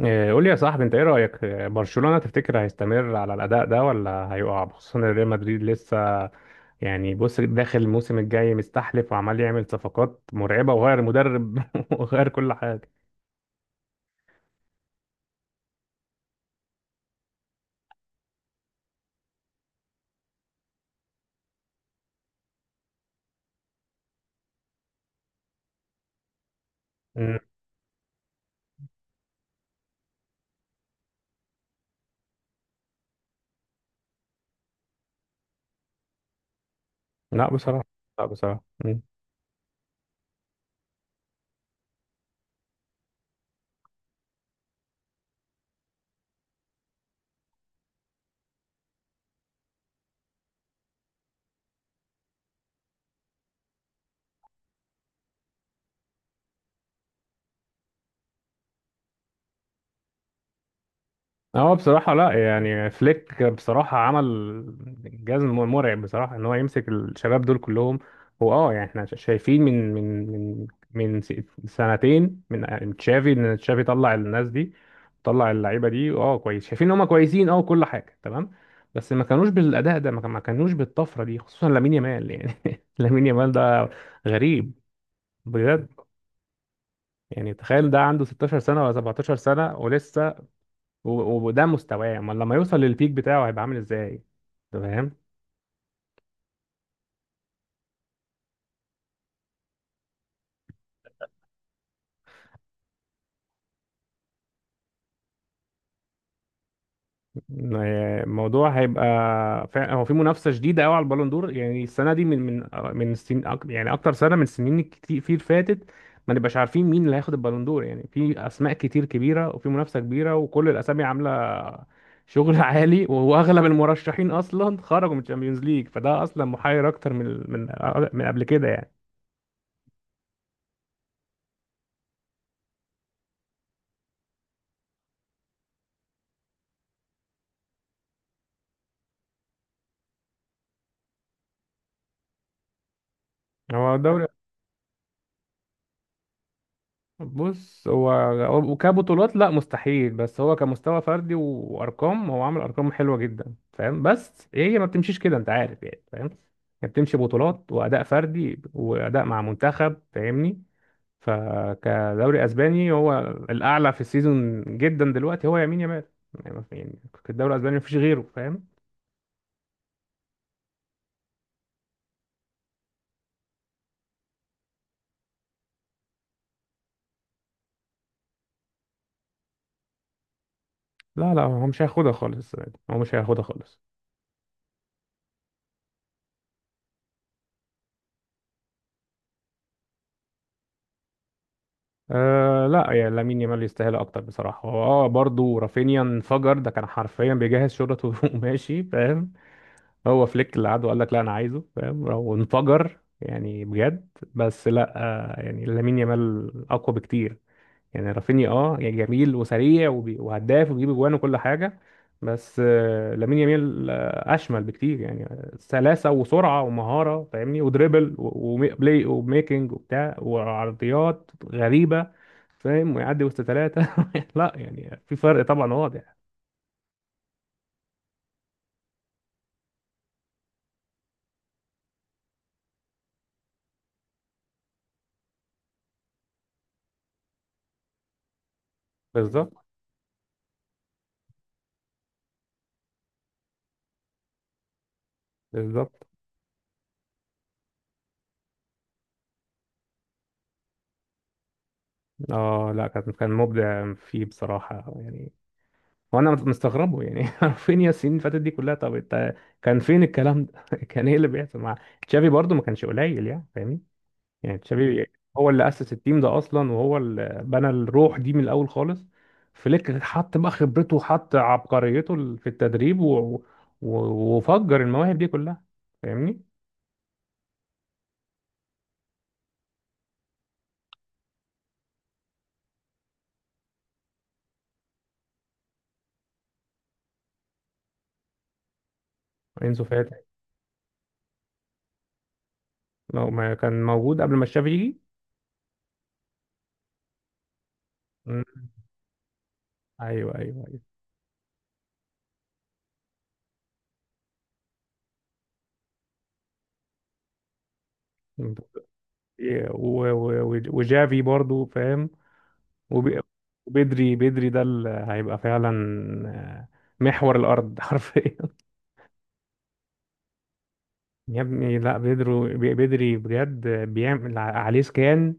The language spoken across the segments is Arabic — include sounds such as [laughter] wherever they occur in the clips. إيه، قول لي يا صاحبي انت ايه رأيك إيه، برشلونة تفتكر هيستمر على الأداء ده ولا هيقع؟ خصوصا ان ريال مدريد لسه يعني بص داخل الموسم الجاي مستحلف وعمال يعمل صفقات مرعبة وغير مدرب [laughs] وغير كل حاجة. مم. لا بصراحة، لا بصراحة. مم. هو بصراحة لا، يعني فليك بصراحة عمل جزم مرعب بصراحة ان هو يمسك الشباب دول كلهم. هو اه يعني احنا شايفين من من س- سنتين من تشافي ان تشافي طلع الناس دي، طلع اللعيبة دي، اه كويس، شايفين ان هم كويسين، اه كل حاجة تمام. بس ما كانوش بالأداء ده، ما كانوش بالطفرة دي، خصوصا لامين يامال يعني [laughs] لامين يامال ده غريب بجد. يعني تخيل ده عنده 16 سنة ولا 17 سنة ولسه وده مستواه، امال لما يوصل للبيك بتاعه هيبقى عامل ازاي؟ أنت فاهم. الموضوع هيبقى فعلا، هو في منافسه شديده قوي على البالون دور يعني السنه دي، من يعني اكتر سنه من السنين كتير في فاتت. ما نبقاش عارفين مين اللي هياخد البالون دور، يعني في اسماء كتير كبيره وفي منافسه كبيره وكل الاسامي عامله شغل [laughs] عالي، واغلب المرشحين اصلا خرجوا من الشامبيونز ليج، فده اصلا محير اكتر من من قبل كده يعني. هو الدوري، بص هو كبطولات لا، مستحيل، بس هو كمستوى فردي وارقام هو عامل ارقام حلوه جدا فاهم، بس هي ما بتمشيش كده، انت عارف يعني فاهم. هي بتمشي بطولات واداء فردي واداء مع منتخب فاهمني. فكدوري اسباني هو الاعلى في السيزون جدا دلوقتي هو يمين يامال. يعني ما في- يعني في الدوري الاسباني مفيش غيره فاهم. لا لا، هو مش هياخدها خالص السنة دي. هو مش هياخدها خالص. أه لا، يعني لامين يامال يستاهل اكتر بصراحه. هو اه برضه رافينيا انفجر، ده كان حرفيا بيجهز شرطه [laughs] وماشي فاهم. هو فليك اللي قعد وقال لك لا انا عايزه فاهم، وانفجر يعني بجد. بس لا، يعني لامين يامال اقوى بكتير. يعني رافينيا اه يعني جميل وسريع وهداف وبيجيب اجوان وكل حاجه، بس لامين يامال اشمل بكتير. يعني سلاسه وسرعه ومهاره فاهمني، ودريبل وبلاي وميكنج وبتاع، وعرضيات غريبه فاهم، ويعدي وسط ثلاثه [laughs] لا يعني في فرق طبعا واضح. بالظبط. بالظبط. اه لا، كان كان مبدع فيه بصراحه يعني. وانا مستغربه يعني [laughs] فين يا السنين اللي فاتت دي كلها؟ طب انت، كان فين الكلام ده؟ [laughs] كان ايه اللي بيحصل مع تشافي؟ برضه ما كانش قليل يعني فاهمني. يعني تشافي هو اللي اسس التيم ده اصلا، وهو اللي بنى الروح دي من الاول خالص. فليك حط بقى خبرته وحط عبقريته في التدريب، و... و... وفجر المواهب دي كلها فاهمني. انسو فاتي لو ما كان موجود قبل ما تشافي يجي. مم. ايوه ايوه ايوه. و... و... و... وجافي برضه فاهم. وب- وبدري ده اللي هيبقى فعلا، آه، محور الارض [laughs] حرفيا. يا ابني لا، بدري بجد بيعمل عليه سكان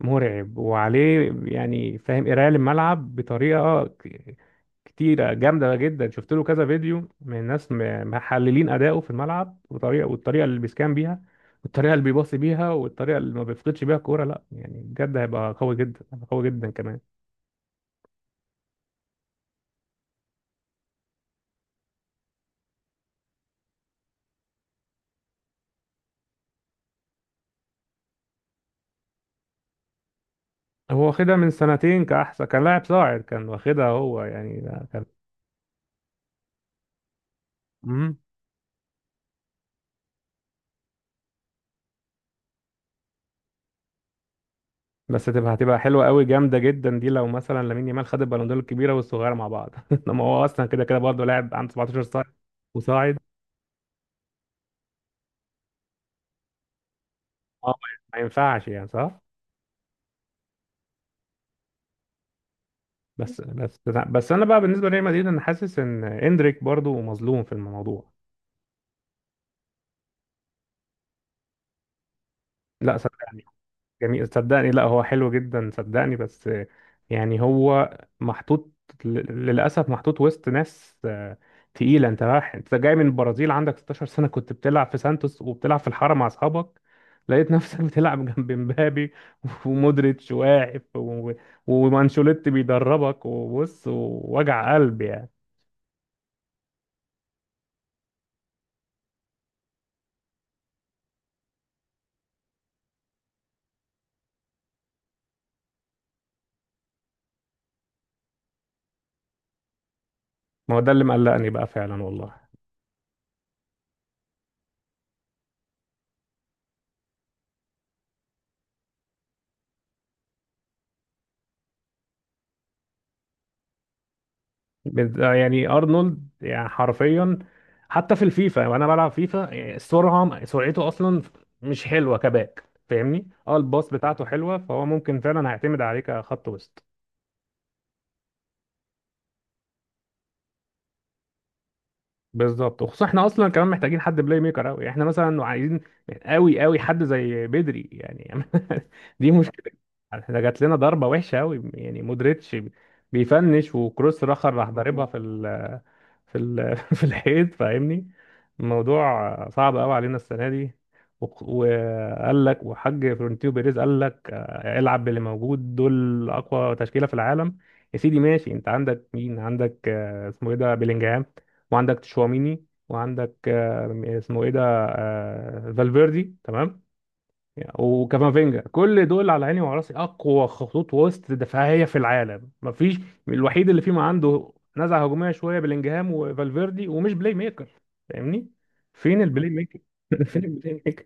مرعب، وعليه يعني فاهم قرايه للملعب بطريقه كتيره جامده جدا. شفت له كذا فيديو من ناس محللين اداؤه في الملعب وطريقه، والطريقه اللي بيسكان بيها، والطريقه اللي بيباصي بيها، والطريقه اللي ما بيفقدش بيها الكوره. لا يعني بجد هيبقى قوي جدا، هيبقى قوي جدا كمان. هو واخدها من سنتين كأحسن كان لاعب صاعد، كان واخدها هو يعني ده كان. مم. بس هتبقى حلوة قوي، جامدة جدا دي، لو مثلا لامين يامال خد البالون دور الكبيرة والصغيرة مع بعض [laughs] انما هو اصلا كده كده برضه لاعب عنده 17 سنة وصاعد. اه ما ينفعش يعني صح. بس بس بس انا بقى بالنسبة لريال مدريد، انا حاسس ان اندريك برضه مظلوم في الموضوع. لا صدقني، جميل صدقني، لا هو حلو جدا صدقني. بس يعني هو محطوط ل- للأسف، محطوط وسط ناس تقيلة. انت رايح، انت جاي من البرازيل عندك 16 سنة، كنت بتلعب في سانتوس، وبتلعب في الحارة مع أصحابك، لقيت نفسك [laughs] بتلعب جنب مبابي [laughs] ومودريتش واقف، و- ومانشيلوتي بيدربك وبص. ووجع قلب يعني. ما هو ده اللي مقلقني بقى فعلا والله. يعني ارنولد يعني حرفيا، حتى في الفيفا وانا بلعب فيفا، يعني السرعه، سرعته اصلا مش حلوه كباك فاهمني. اه الباص بتاعته حلوه، فهو ممكن فعلا هيعتمد عليك كخط وسط. بالظبط، وخصوصا احنا اصلا كمان محتاجين حد بلاي ميكر قوي. احنا مثلا عايزين قوي قوي حد زي بدري يعني [laughs] دي مشكله. احنا جات لنا ضربه وحشه قوي يعني، مودريتش بيفنش وكروس راخر راح ضاربها في ال في ال [laughs] في الحيط فاهمني. الموضوع صعب قوي علينا السنه دي. وقال لك وحاج فرونتيو بيريز قال لك العب باللي موجود، دول اقوى تشكيله في العالم. يا سيدي ماشي، انت عندك مين؟ عندك اسمه ايه ده، بيلينجهام، وعندك تشواميني، وعندك آه، اسمه ايه ده، آه، فالفيردي تمام، وكافافينجا. كل دول على عيني وعلى راسي، اقوى خطوط وسط دفاعيه في العالم، مفيش. الوحيد اللي فيهم عنده نزعه هجوميه شويه بلينجهام وفالفيردي، ومش بلاي ميكر فاهمني. فين البلاي ميكر؟ [laughs] فين البلاي ميكر؟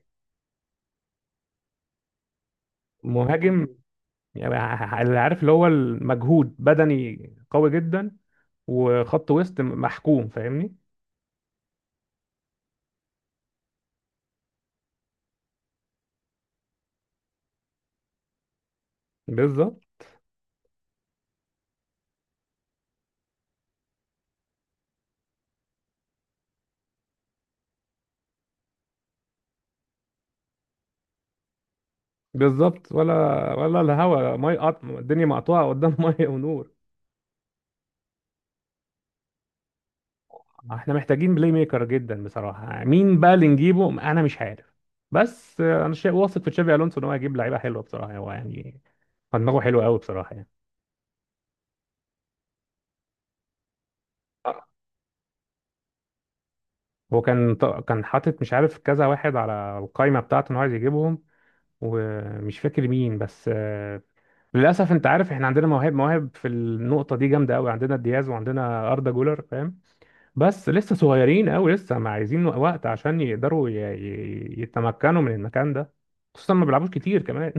مهاجم، يعني اللي عارف اللي هو المجهود بدني قوي جدا وخط وسط محكوم فاهمني. بالظبط. بالظبط، ولا، ولا الهوا مي قط، الدنيا مقطوعه قدام [laughs] ميه ونور. احنا محتاجين بلاي ميكر جدا بصراحه. مين بقى اللي نجيبه؟ انا مش عارف. بس انا شيء واثق في تشافي الونسو ان هو هيجيب لعيبه حلوه بصراحه. هو يعني دماغه حلو قوي بصراحه يعني. آه. هو كان كان حاطط مش عارف كذا واحد على القائمه بتاعته ان هو عايز يجيبهم، ومش فاكر مين، بس للاسف انت عارف، احنا عندنا مواهب، مواهب في النقطه دي جامده قوي، عندنا دياز وعندنا اردا جولر فاهم، بس لسه صغيرين قوي، لسه ما عايزين وقت عشان يقدروا يتمكنوا من المكان ده، خصوصا ما بيلعبوش كتير كمان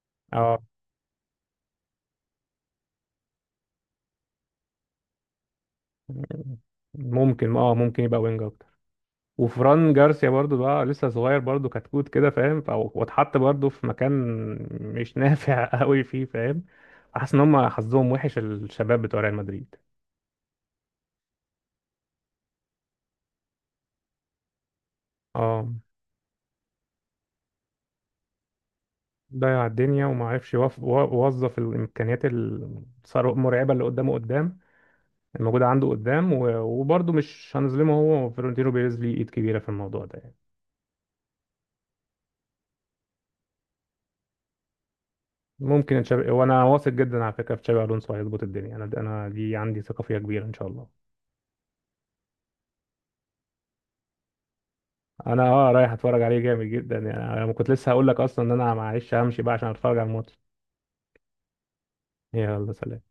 [laughs] اه ممكن، اه ممكن يبقى وينج اكتر. وفران جارسيا برضو بقى لسه صغير برضو كتكوت كده فاهم، واتحط برضو في مكان مش نافع [laughs] قوي فيه فاهم. حاسس ان هم حظهم وحش الشباب بتوع ريال مدريد. اه ضيع الدنيا، وما عرفش يوظف الامكانيات المرعبه اللي قدامه، قدام موجودة عنده قدام. و- وبرضه مش هنظلمه، هو فلورنتينو بيريز ليه إيد كبيرة في الموضوع ده يعني. ممكن تشابي، وأنا واثق جدا على فكرة في تشابي ألونسو هيظبط الدنيا. أنا دي عندي ثقة فيها كبيرة إن شاء الله. أنا أه رايح أتفرج عليه جامد جدا. يعني أنا كنت لسه هقول لك أصلا إن أنا معلش همشي بقى عشان أتفرج على الماتش. يلا سلام.